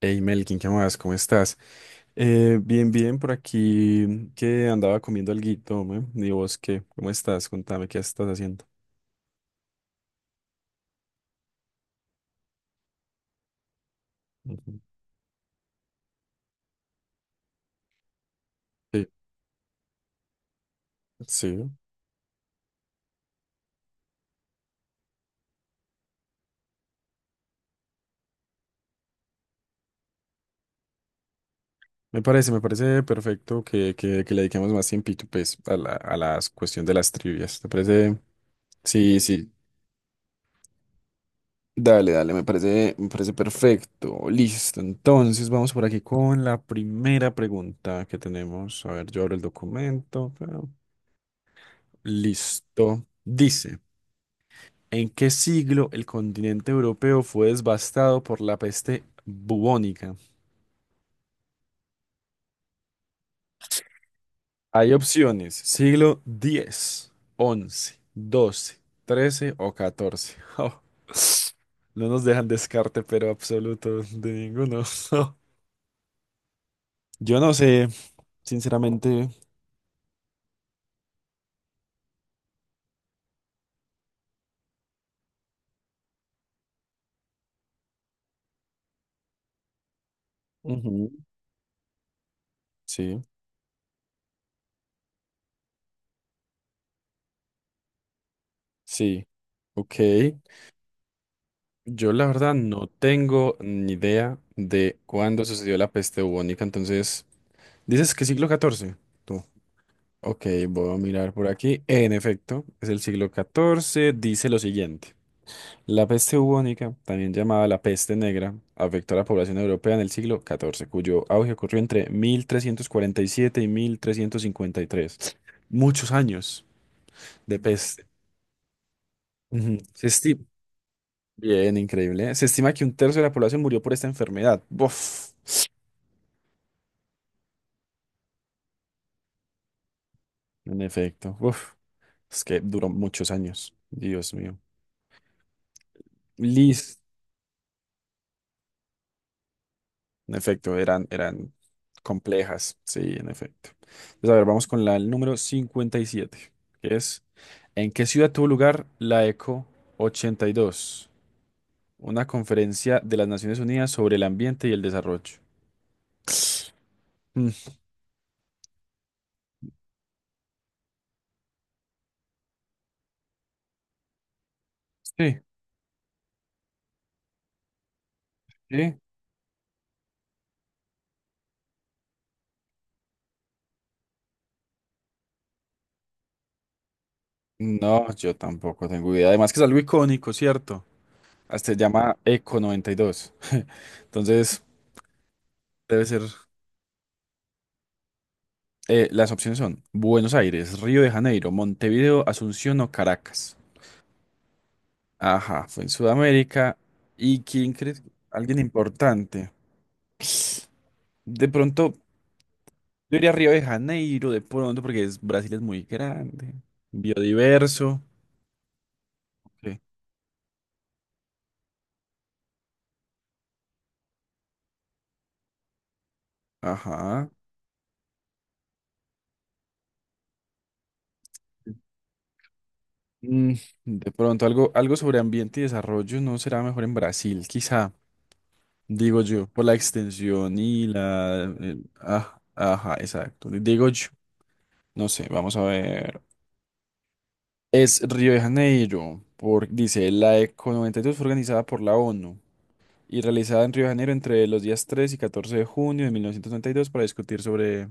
Hey Melkin, ¿qué más? ¿Cómo estás? Bien, bien, por aquí que andaba comiendo alguito, ¿me? ¿Y vos qué? ¿Cómo estás? Contame, ¿qué estás haciendo? Ujú. Sí, sí. Me parece perfecto que le dediquemos más tiempito, pues, a la cuestión de las trivias. ¿Te parece? Sí, sí. Dale, dale, me parece perfecto. Listo. Entonces, vamos por aquí con la primera pregunta que tenemos. A ver, yo abro el documento. Listo. Dice. ¿En qué siglo el continente europeo fue devastado por la peste bubónica? Hay opciones, siglo diez, once, doce, trece o catorce. No nos dejan descarte, pero absoluto de ninguno. Yo no sé, sinceramente. Ujú. Sí, sí. Ok. Yo la verdad no tengo ni idea de cuándo sucedió la peste bubónica, entonces, ¿dices que siglo catorce, tú? Ok, voy a mirar por aquí. En efecto, es el siglo XIV. Dice lo siguiente. La peste bubónica, también llamada la peste negra, afectó a la población europea en el siglo XIV, cuyo auge ocurrió entre 1347 y 1353. Muchos años de peste. Ujú. Se estima, bien, increíble, ¿eh? Se estima que un tercio de la población murió por esta enfermedad. Buf. En efecto, uf. Es que duró muchos años. Dios mío. Listo. En efecto, eran complejas, sí, en efecto. Entonces, a ver, vamos con la el número 57, que es, ¿en qué ciudad tuvo lugar la ECO 82, una conferencia de las Naciones Unidas sobre el ambiente y el desarrollo? Mm, Sí, sí. No, yo tampoco tengo idea. Además que es algo icónico, ¿cierto? Hasta se llama ECO 92. Entonces, debe ser. Las opciones son Buenos Aires, Río de Janeiro, Montevideo, Asunción o Caracas. Ajá, fue en Sudamérica. ¿Y quién crees? Alguien importante. De pronto, yo iría a Río de Janeiro, de pronto, porque Brasil es muy grande, biodiverso. Ok. Ajá. Mm, de pronto, algo, algo sobre ambiente y desarrollo no será mejor en Brasil, quizá, digo yo, por la extensión y ah, ajá, exacto. Digo yo, no sé, vamos a ver. Es Río de Janeiro, dice, la ECO 92 fue organizada por la ONU y realizada en Río de Janeiro entre los días 3 y 14 de junio de 1992 para discutir sobre,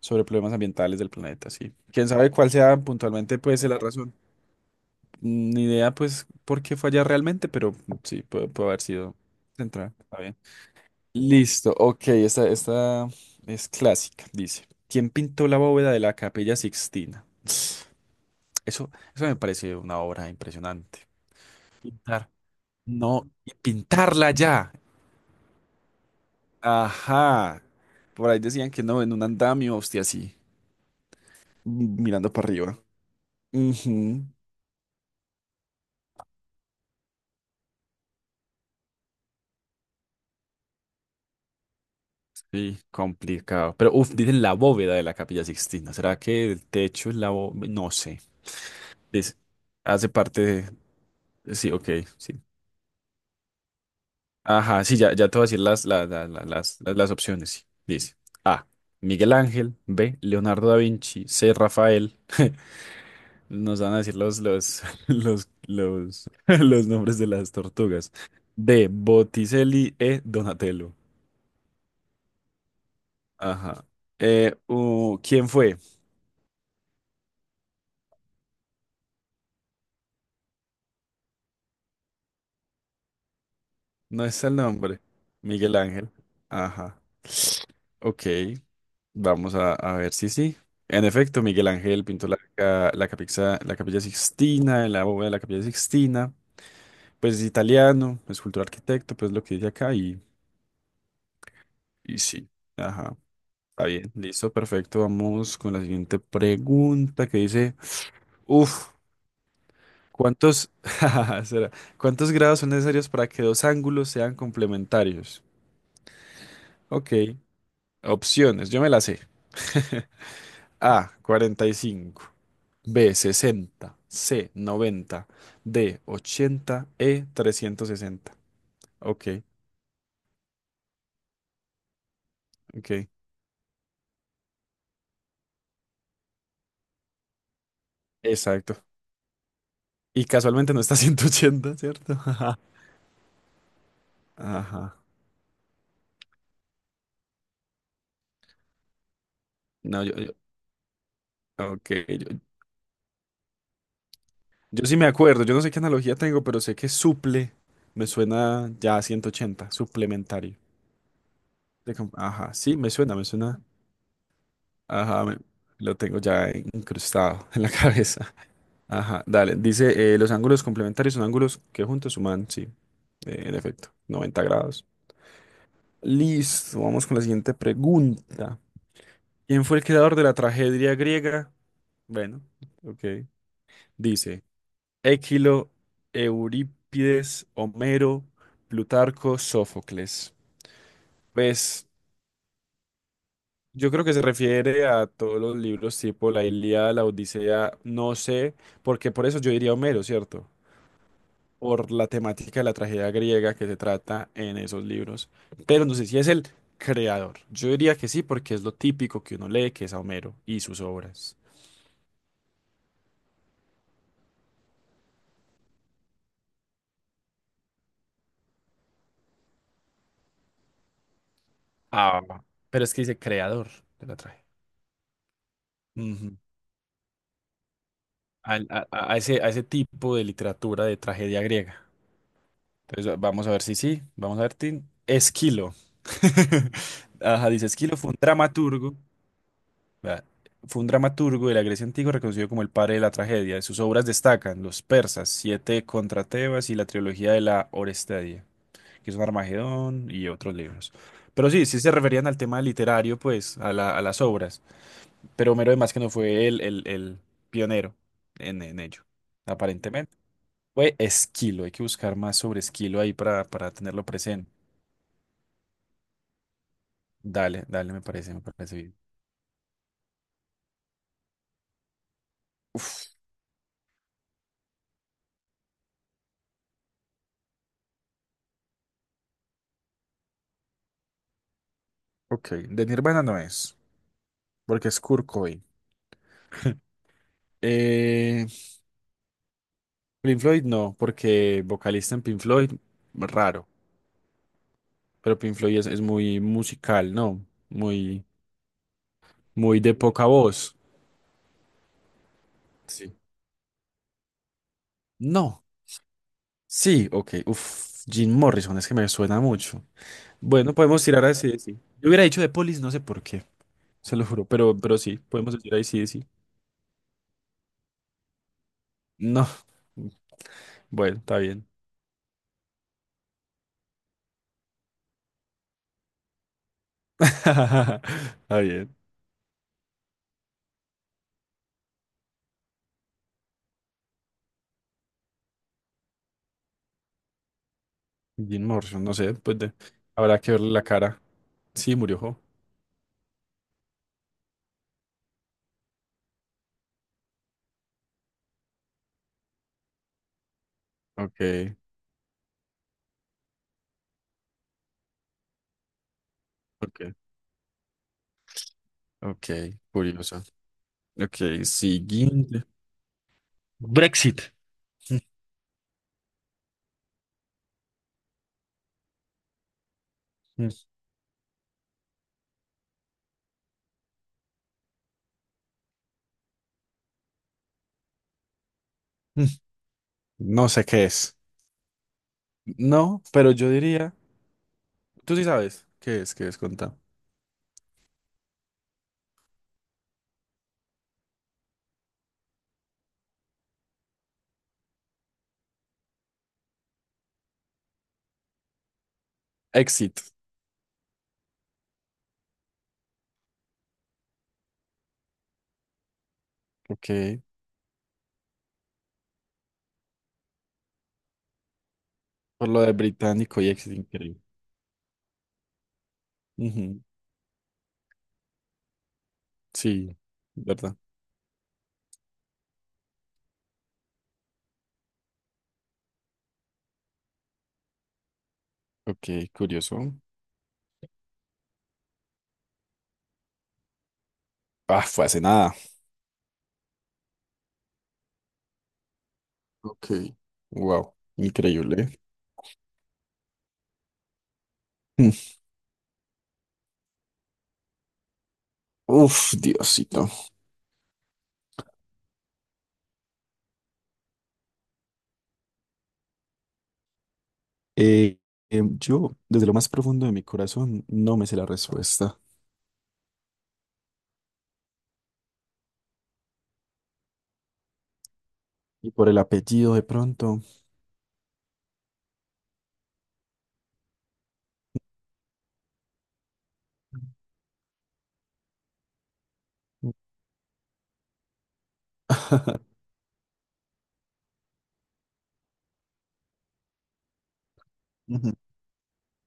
problemas ambientales del planeta, sí. Quién sabe cuál sea puntualmente, pues, la razón. Ni idea, pues, por qué fue allá realmente, pero sí, puede haber sido central. Está bien. Listo, ok, esta es clásica, dice. ¿Quién pintó la bóveda de la Capilla Sixtina? Eso me parece una obra impresionante. Pintar. No, y pintarla ya. Ajá. Por ahí decían que no, en un andamio, hostia, así, mirando para arriba. Ujú. Sí, complicado. Pero, uff, dicen la bóveda de la Capilla Sixtina. ¿Será que el techo es la bóveda? No sé. Dice, hace parte de. Sí, ok, sí. Ajá, sí, ya, ya te voy a decir las opciones. Sí. Dice, A. Miguel Ángel. B. Leonardo da Vinci. C. Rafael. Nos van a decir los nombres de las tortugas. D. Botticelli. E. Donatello. Ajá. ¿Quién fue? No está el nombre. Miguel Ángel. Ajá. Ok. Vamos a ver si sí. En efecto, Miguel Ángel pintó la Capilla Sixtina, la bóveda de la Capilla Sixtina. Pues es italiano, escultor arquitecto, pues lo que dice acá y sí. Ajá. Está bien, listo, perfecto. Vamos con la siguiente pregunta que dice, uf, jajaja, será, ¿cuántos grados son necesarios para que dos ángulos sean complementarios? Ok, opciones, yo me la sé. A, 45, B, 60, C, 90, D, 80, E, 360. Ok, ok, exacto. Y casualmente no está 180, ¿cierto? Ajá. No, ok, yo, Yo sí me acuerdo, yo no sé qué analogía tengo, pero sé que suple me suena ya a 180, suplementario. Ajá sí, me suena, me suena. Ajá, lo tengo ya incrustado en la cabeza. Ajá, dale. Dice, los ángulos complementarios son ángulos que juntos suman, sí, en efecto, 90 grados. Listo, vamos con la siguiente pregunta. ¿Quién fue el creador de la tragedia griega? Bueno, ok. Dice, Équilo, Eurípides, Homero, Plutarco, Sófocles. Pues yo creo que se refiere a todos los libros tipo la Ilíada, la Odisea, no sé, porque por eso yo diría Homero, ¿cierto? Por la temática de la tragedia griega que se trata en esos libros. Pero no sé si es el creador. Yo diría que sí, porque es lo típico que uno lee, que es a Homero y sus obras. Ah, pero es que dice creador de la tragedia. Ujú. A ese tipo de literatura de tragedia griega. Entonces, vamos a ver si sí, vamos a ver, Tin. Esquilo. Ajá, dice Esquilo fue un dramaturgo, vea, fue un dramaturgo de la Grecia antigua reconocido como el padre de la tragedia. De sus obras destacan Los persas, Siete contra Tebas y la trilogía de la Orestedia, que son Armagedón y otros libros. Pero sí, sí se referían al tema literario, pues, a las obras. Pero Homero, además, que no fue el pionero en ello, aparentemente. Fue Esquilo, hay que buscar más sobre Esquilo ahí para tenerlo presente. Dale, dale, me parece bien. Ok, de Nirvana no es, porque es Kurt Cobain. Eh, Pink Floyd no, porque vocalista en Pink Floyd, raro, pero Pink Floyd es muy musical, ¿no? Muy, muy de poca voz. Sí. No, sí, ok, uf, Jim Morrison, es que me suena mucho. Bueno, podemos tirar así, sí. Yo hubiera dicho de Police, no sé por qué, se lo juro, pero sí, podemos decir ahí sí, sí. No. Bueno, está bien. Está bien. Jim Morrison, no sé, pues habrá que verle la cara. Sí, murió jo. Ok, ok, ok, curioso. Ok, siguiente. Brexit. Mm, mm. Mm. No sé qué es. No, pero yo diría, tú sí sabes qué es, contá. Exit. Ok, por lo de británico y exit, increíble. Ujú. Sí, ¿verdad? Ok, curioso. Ah, fue hace nada. Ok, wow, increíble. Uf, Diosito. Eh, yo, desde lo más profundo de mi corazón, no me sé la respuesta. Y por el apellido, de pronto. Ujú.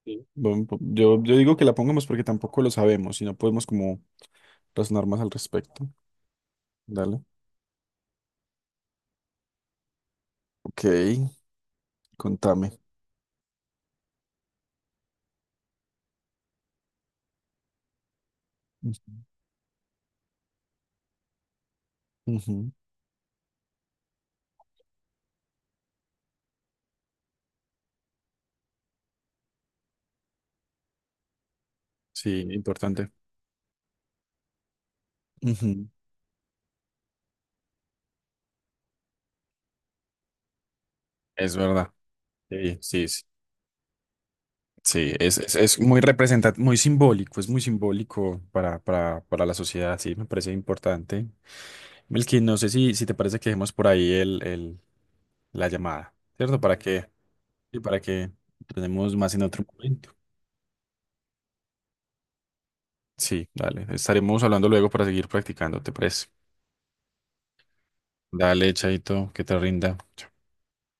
Sí. Bueno, yo digo que la pongamos porque tampoco lo sabemos y no podemos como razonar más al respecto. Dale. Ok, contame. Ujú. Ujú. Sí, importante. Ujú. Es verdad. Sí, sí, sí. Sí, es muy representativo, muy simbólico, es muy simbólico para la sociedad, sí, me parece importante. Melqui, no sé si te parece que dejemos por ahí la llamada, ¿cierto? Y para que tenemos más en otro momento. Sí, dale. Estaremos hablando luego para seguir practicando, ¿te parece? Dale, Chaito, que te rinda.